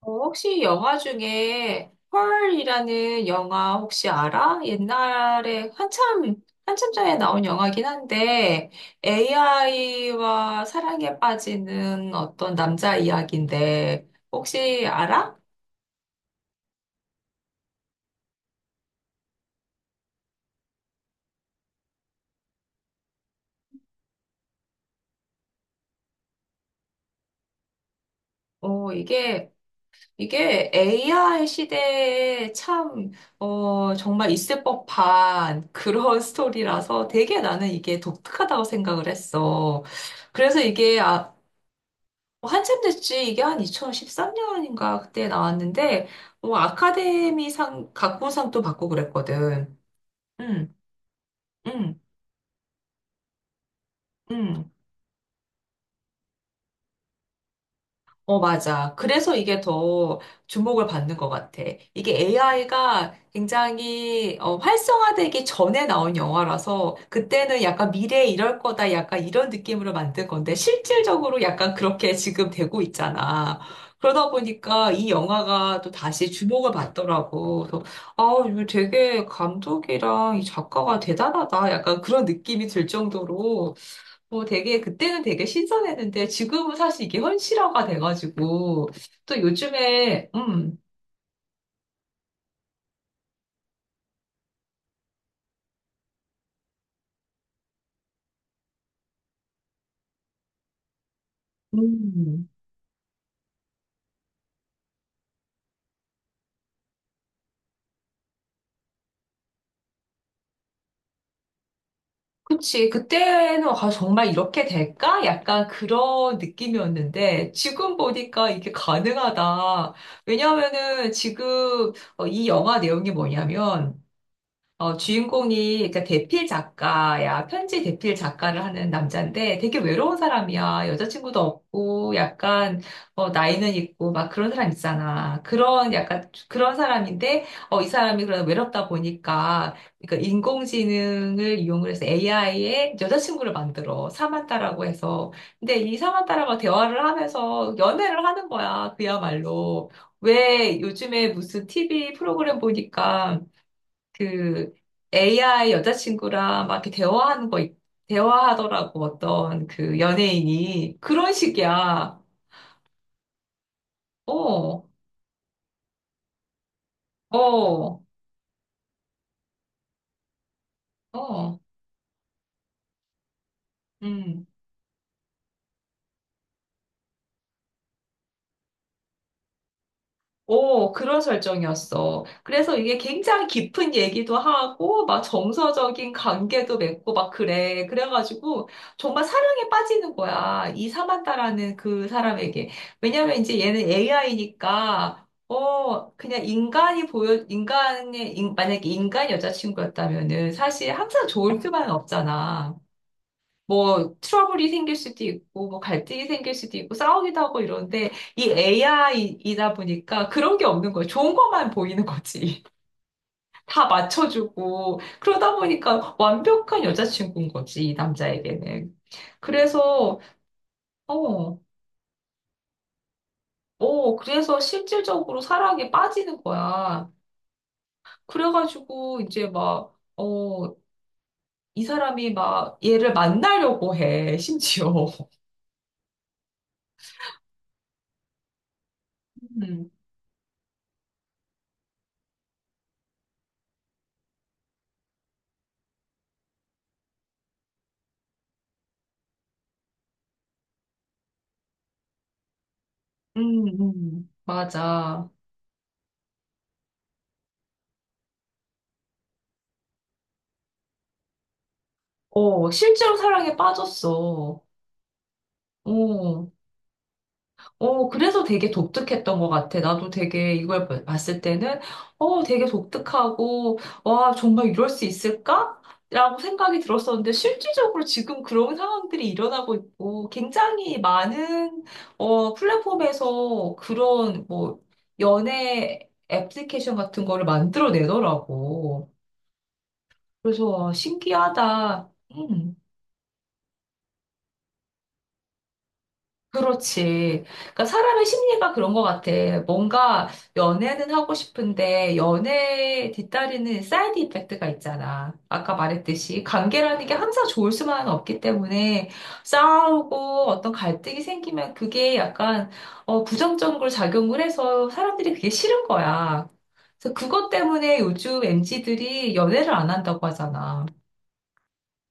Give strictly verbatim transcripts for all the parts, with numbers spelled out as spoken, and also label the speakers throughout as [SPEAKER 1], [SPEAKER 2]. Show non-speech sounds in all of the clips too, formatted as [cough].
[SPEAKER 1] 어, 혹시 영화 중에 펄이라는 영화 혹시 알아? 옛날에 한참, 한참 전에 나온 영화긴 한데 에이아이와 사랑에 빠지는 어떤 남자 이야기인데 혹시 알아? 어, 이게, 이게 에이아이 시대에 참, 어, 정말 있을 법한 그런 [laughs] 스토리라서 되게 나는 이게 독특하다고 생각을 했어. 그래서 이게 아, 어, 한참 됐지. 이게 한 이천십삼 년인가 그때 나왔는데, 뭐 아카데미상, 각본상도 받고 그랬거든. 응, 응, 응. 어, 맞아. 그래서 이게 더 주목을 받는 것 같아. 이게 에이아이가 굉장히 어, 활성화되기 전에 나온 영화라서 그때는 약간 미래에 이럴 거다 약간 이런 느낌으로 만든 건데 실질적으로 약간 그렇게 지금 되고 있잖아. 그러다 보니까 이 영화가 또 다시 주목을 받더라고. 그래서 아, 이거 되게 감독이랑 이 작가가 대단하다. 약간 그런 느낌이 들 정도로 뭐 되게 그때는 되게 신선했는데 지금은 사실 이게 현실화가 돼가지고 또 요즘에 음, 음, 그치. 그때는 아, 정말 이렇게 될까? 약간 그런 느낌이었는데 지금 보니까 이게 가능하다. 왜냐하면은 지금 어, 이 영화 내용이 뭐냐면 어, 주인공이 그러니까 대필 작가야. 편지 대필 작가를 하는 남자인데 되게 외로운 사람이야. 여자친구도 없고 약간 어, 나이는 있고 막 그런 사람 있잖아. 그런 약간 그런 사람인데 어, 이 사람이 그런 외롭다 보니까 그러니까 인공지능을 이용을 해서 에이아이의 여자친구를 만들어. 사만타라고 해서. 근데 이 사만타라고 대화를 하면서 연애를 하는 거야. 그야말로. 왜 요즘에 무슨 티비 프로그램 보니까 그 에이아이 여자친구랑 막 이렇게 대화하는 거, 있- 대화하더라고, 어떤 그 연예인이. 그런 식이야. 어, 어, 어. 음. 오, 그런 설정이었어. 그래서 이게 굉장히 깊은 얘기도 하고, 막 정서적인 관계도 맺고, 막 그래. 그래가지고, 정말 사랑에 빠지는 거야. 이 사만다라는 그 사람에게. 왜냐면 이제 얘는 에이아이니까, 어, 그냥 인간이 보여, 인간의, 인- 만약에 인간 여자친구였다면은, 사실 항상 좋을 수만 없잖아. 뭐 트러블이 생길 수도 있고 뭐 갈등이 생길 수도 있고 싸우기도 하고 이런데 이 에이아이이다 보니까 그런 게 없는 거예요. 좋은 것만 보이는 거지. [laughs] 다 맞춰주고 그러다 보니까 완벽한 여자친구인 거지 이 남자에게는. 그래서 어, 어, 그래서 실질적으로 사랑에 빠지는 거야. 그래가지고 이제 막 어, 이 사람이 막 얘를 만나려고 해 심지어. [laughs] 음, 음, 음, 맞아. 어, 실제로 사랑에 빠졌어. 어, 어, 그래서 되게 독특했던 것 같아. 나도 되게 이걸 봐- 봤을 때는, 어, 되게 독특하고, 와, 정말 이럴 수 있을까? 라고 생각이 들었었는데, 실질적으로 지금 그런 상황들이 일어나고 있고, 굉장히 많은, 어, 플랫폼에서 그런, 뭐, 연애 애플리케이션 같은 거를 만들어내더라고. 그래서, 와, 신기하다. 음. 그렇지. 그러니까 사람의 심리가 그런 것 같아. 뭔가 연애는 하고 싶은데 연애에 뒤따르는 사이드 이펙트가 있잖아. 아까 말했듯이 관계라는 게 항상 좋을 수만은 없기 때문에 싸우고 어떤 갈등이 생기면 그게 약간 어, 부정적으로 작용을 해서 사람들이 그게 싫은 거야. 그래서 그것 때문에 요즘 엠지들이 연애를 안 한다고 하잖아.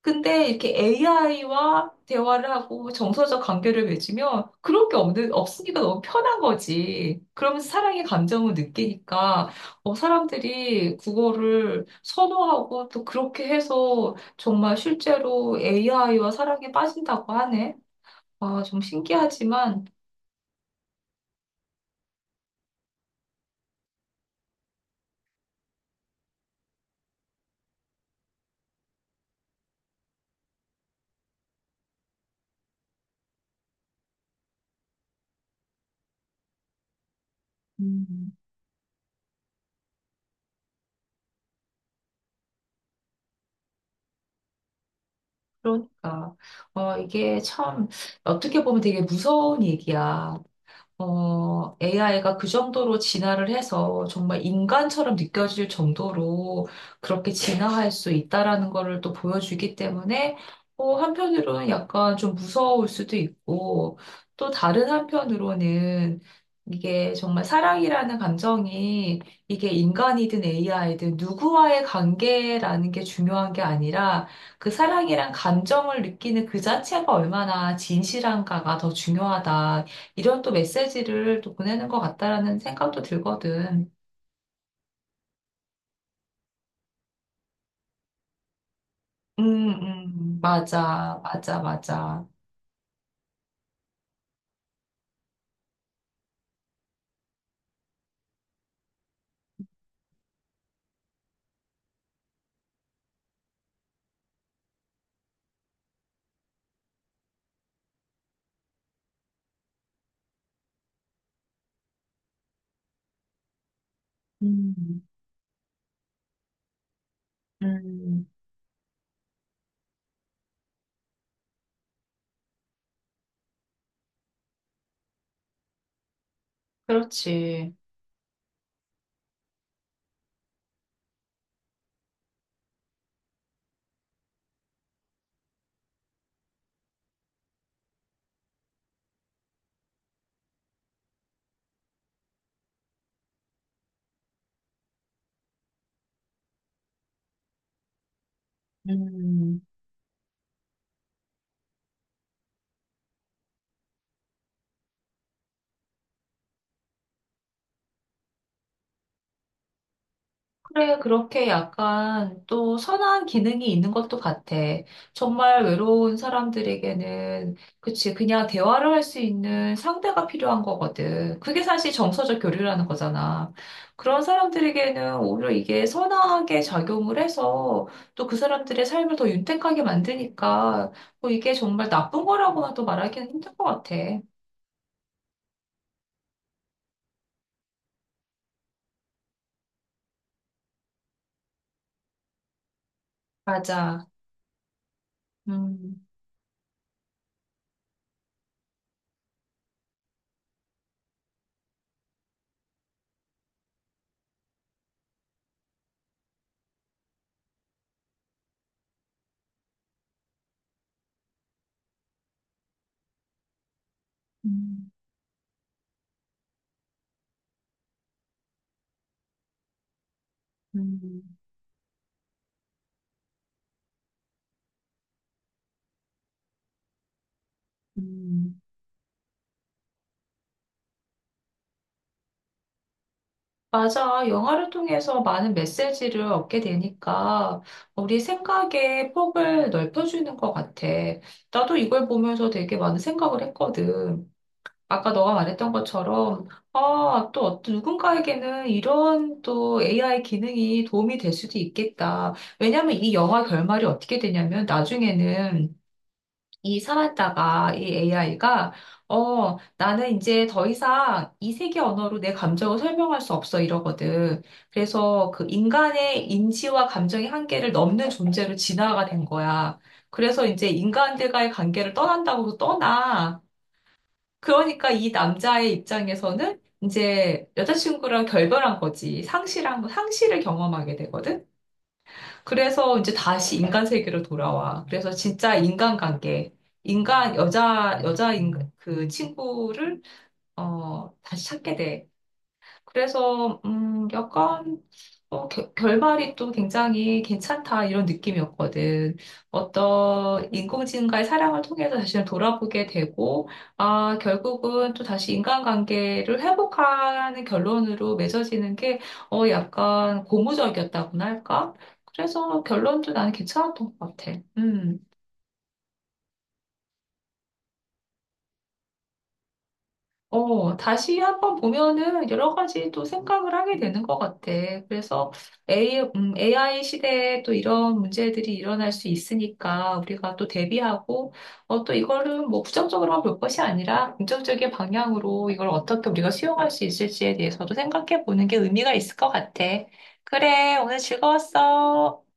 [SPEAKER 1] 근데 이렇게 에이아이와 대화를 하고 정서적 관계를 맺으면 그런 게 없는, 없으니까 너무 편한 거지. 그러면서 사랑의 감정을 느끼니까 어, 사람들이 국어를 선호하고 또 그렇게 해서 정말 실제로 에이아이와 사랑에 빠진다고 하네. 아, 좀 신기하지만, 음, 그러니까. 어, 이게 참 어떻게 보면 되게 무서운 얘기야. 어, 에이아이가 그 정도로 진화를 해서 정말 인간처럼 느껴질 정도로 그렇게 진화할 수 있다라는 거를 또 보여주기 때문에 어, 한편으로는 약간 좀 무서울 수도 있고 또 다른 한편으로는 이게 정말 사랑이라는 감정이 이게 인간이든 에이아이든 누구와의 관계라는 게 중요한 게 아니라 그 사랑이란 감정을 느끼는 그 자체가 얼마나 진실한가가 더 중요하다. 이런 또 메시지를 또 보내는 것 같다라는 생각도 들거든. 음, 음, 맞아, 맞아, 맞아. 음, 음, 그렇지. 음. 그래, 그렇게 약간 또 선한 기능이 있는 것도 같아. 정말 외로운 사람들에게는, 그치, 그냥 대화를 할 수 있는 상대가 필요한 거거든. 그게 사실 정서적 교류라는 거잖아. 그런 사람들에게는 오히려 이게 선하게 작용을 해서 또 그 사람들의 삶을 더 윤택하게 만드니까 뭐 이게 정말 나쁜 거라고는 또 말하기는 힘든 것 같아. 맞아. 음, 음, 음, 음. 맞아. 영화를 통해서 많은 메시지를 얻게 되니까 우리 생각의 폭을 넓혀주는 것 같아. 나도 이걸 보면서 되게 많은 생각을 했거든. 아까 너가 말했던 것처럼, 아, 또 어떤 누군가에게는 이런 또 에이아이 기능이 도움이 될 수도 있겠다. 왜냐면 이 영화 결말이 어떻게 되냐면 나중에는 이 살았다가 이 에이아이가 어 나는 이제 더 이상 이 세계 언어로 내 감정을 설명할 수 없어 이러거든. 그래서 그 인간의 인지와 감정의 한계를 넘는 존재로 진화가 된 거야. 그래서 이제 인간들과의 관계를 떠난다고 도 떠나. 그러니까 이 남자의 입장에서는 이제 여자친구랑 결별한 거지. 상실한 상실을 경험하게 되거든. 그래서 이제 다시 인간 세계로 돌아와. 그래서 진짜 인간관계, 인간 여자 여자 인, 그 친구를 어 다시 찾게 돼. 그래서 음, 약간 어, 겨- 결말이 또 굉장히 괜찮다 이런 느낌이었거든. 어떤 인공지능과의 사랑을 통해서 자신을 돌아보게 되고, 아, 결국은 또 다시 인간관계를 회복하는 결론으로 맺어지는 게 어, 약간 고무적이었다고나 할까? 그래서 결론도 나는 괜찮았던 것 같아. 음. 어, 다시 한번 보면은 여러 가지 또 생각을 하게 되는 것 같아. 그래서 A, 음, i 시대에 또 이런 문제들이 일어날 수 있으니까 우리가 또 대비하고, 어, 또 이거를 뭐 부정적으로만 볼 것이 아니라 긍정적인 방향으로 이걸 어떻게 우리가 수용할 수 있을지에 대해서도 생각해 보는 게 의미가 있을 것 같아. 그래, 오늘 즐거웠어.